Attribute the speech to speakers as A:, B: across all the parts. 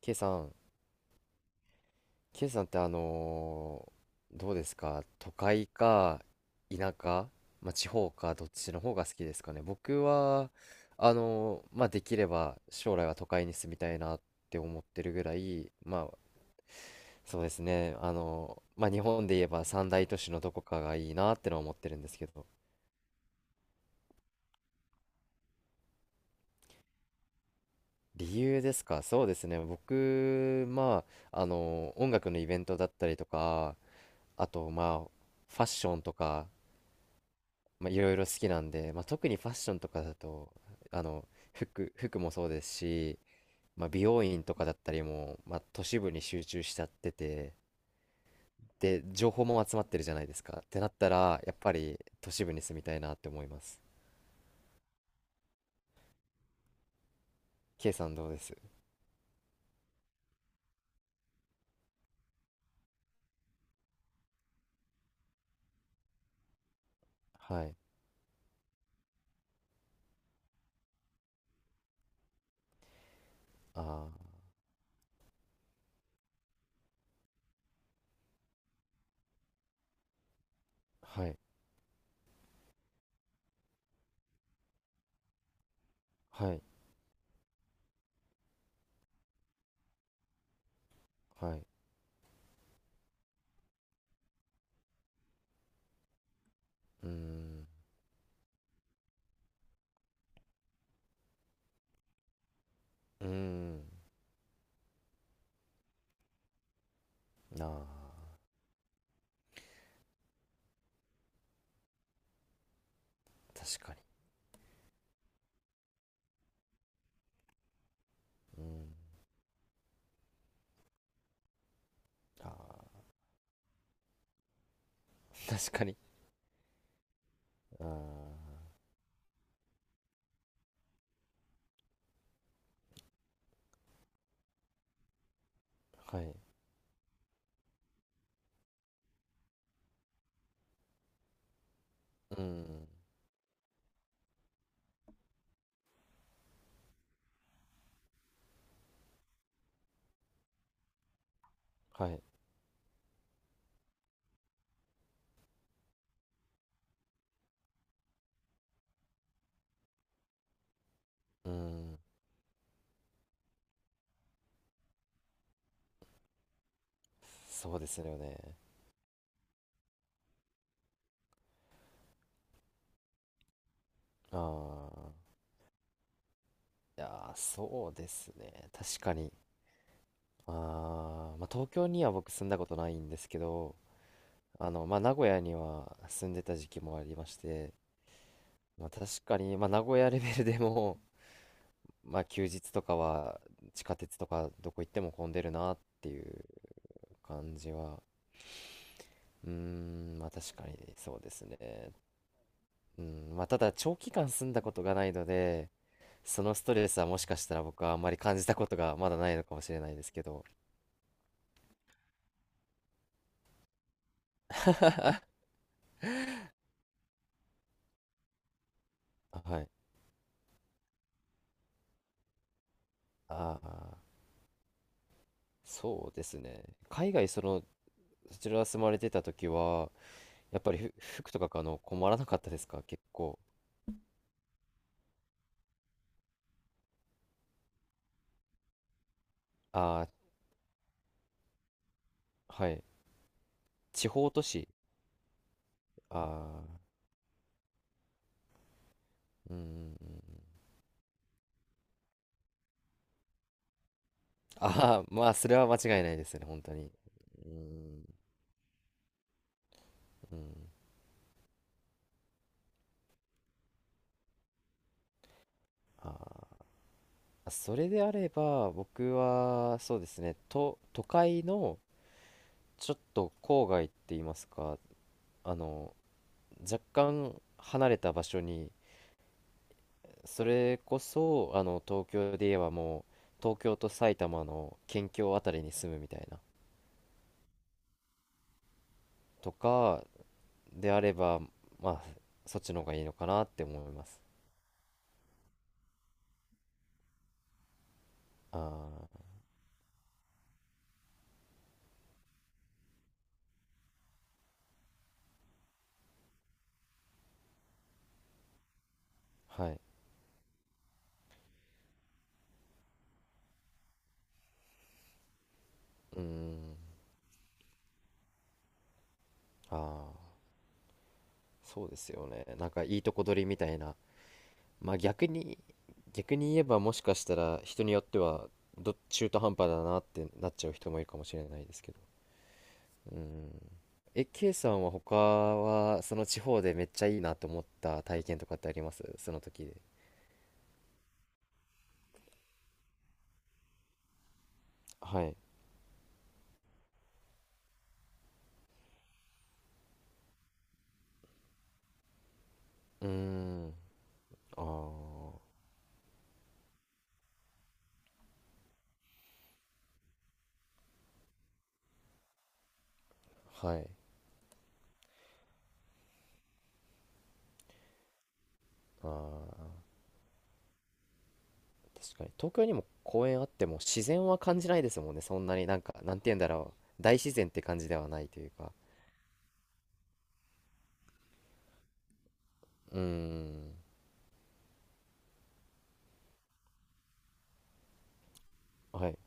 A: K さん、K さんってどうですか？都会か田舎、まあ、地方かどっちの方が好きですかね。僕は、まあ、できれば将来は都会に住みたいなって思ってるぐらい、まあ、そうですね、まあ、日本で言えば三大都市のどこかがいいなってのは思ってるんですけど、理由ですか？そうですね、僕、まあ、音楽のイベントだったりとか、あと、まあ、ファッションとか、まあ、いろいろ好きなんで、まあ、特にファッションとかだと、あの、服もそうですし、まあ、美容院とかだったりも、まあ、都市部に集中しちゃってて、で、情報も集まってるじゃないですか。ってなったら、やっぱり都市部に住みたいなって思います。K さんどうです？はい。ああ、はい、はい、はい。うーん、うーん、ああ、確かに。うん、ああ、確かに。ああ、はい、うん、はい、うん。そうですよね。ああ、いやー、そうですね。確かに。あーまあ、東京には僕住んだことないんですけど、まあ、名古屋には住んでた時期もありまして、まあ、確かに、まあ、名古屋レベルでも、まあ、休日とかは地下鉄とかどこ行っても混んでるなっていう感じは、うーん、まあ、確かにそうですね。うん、まあ、ただ長期間住んだことがないので、そのストレスはもしかしたら僕はあんまり感じたことがまだないのかもしれないですけど。はい。ああ、そうですね。海外、その、そちら住まれてた時は、やっぱり服とか買うの困らなかったですか？結構。ああ、はい。地方都市。ああ、うんうんうん。ああ、まあ、それは間違いないですね、本当に。うん、うん。ああ、それであれば、僕は、そうですね、都会の、ちょっと郊外って言いますか、あの、若干離れた場所に、それこそ、東京で言えばもう、東京と埼玉の県境あたりに住むみたいな、とかであれば、まあ、そっちの方がいいのかなって思います。ああ、はい。うーん、ああ、そうですよね。なんかいいとこ取りみたいな。まあ逆に言えばもしかしたら人によっては、中途半端だなってなっちゃう人もいるかもしれないですけど。うん。え、K さんは他は、その地方でめっちゃいいなと思った体験とかってあります？その時で。はい。うーん。ああ。はい。ああ。確かに。東京にも公園あっても自然は感じないですもんね。そんなになんか、なんて言うんだろう。大自然って感じではないというか。うーん。はい。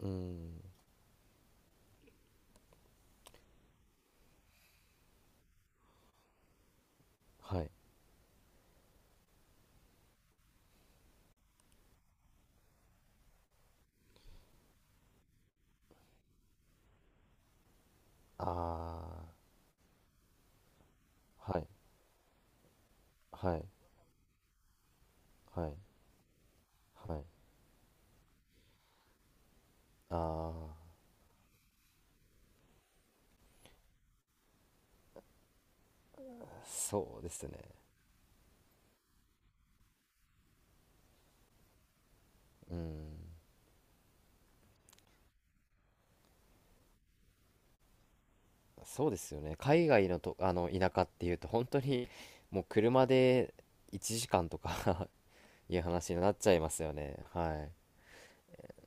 A: うーん。はい。ああ。はい。はい。はい。はい。ああ。そうですね。うーん。そうですよね。海外のと、あの田舎っていうと本当にもう車で1時間とか いう話になっちゃいますよね。はい。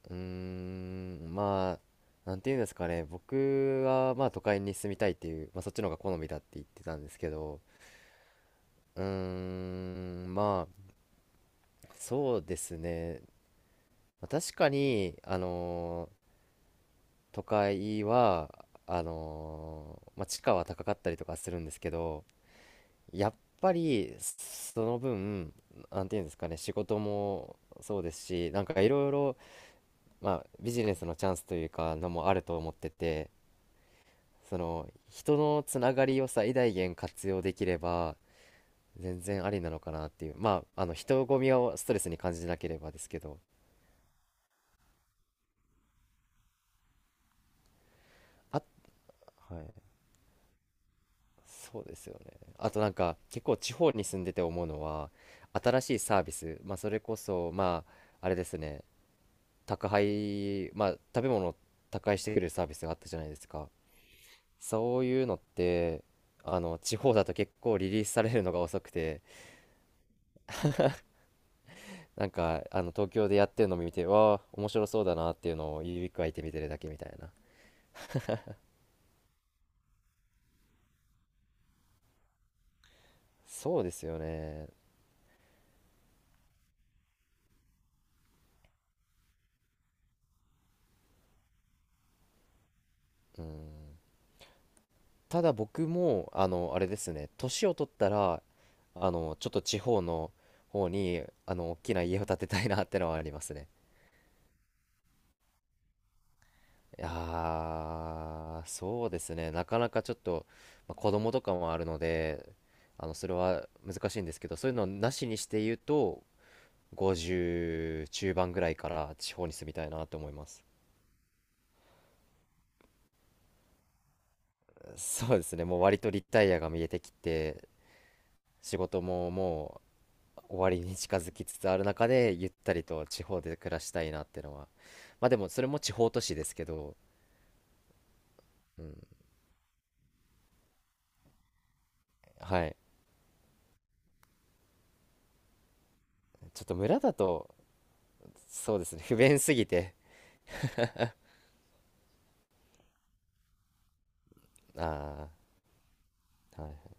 A: うーん、まあ、なんていうんですかね。僕はまあ都会に住みたいっていう、まあそっちの方が好みだって言ってたんですけど、うーん、まあ、そうですね。まあ確かに、都会は、まあ地価は高かったりとかするんですけど、やっぱりその分、なんていうんですかね、仕事もそうですし、なんかいろいろ、まあビジネスのチャンスというかのもあると思ってて、その人のつながりを最大限活用できれば全然ありなのかなっていう、まああの人混みをストレスに感じなければですけど。あ、はい、そうですよね。あと、なんか結構地方に住んでて思うのは、新しいサービス、まあそれこそ、まあ、あれですね、宅配、まあ、食べ物を宅配してくれるサービスがあったじゃないですか。そういうのって、地方だと結構リリースされるのが遅くて、なんか、東京でやってるのを見て、わあ、面白そうだなっていうのを指くわえて見てるだけみたいな。そうですよね。うん。ただ僕も、あれですね、年を取ったら、ちょっと地方の方に、大きな家を建てたいなってのはありますね。いやーそうですね。なかなかちょっと、まあ、子供とかもあるので、それは難しいんですけど、そういうのなしにして言うと、50中盤ぐらいから地方に住みたいなと思います。そうですね。もう割とリタイアが見えてきて、仕事ももう終わりに近づきつつある中で、ゆったりと地方で暮らしたいなってのは。まあでも、それも地方都市ですけど、うん、はい。ちょっと村だと、そうですね。不便すぎて、ああ。はい。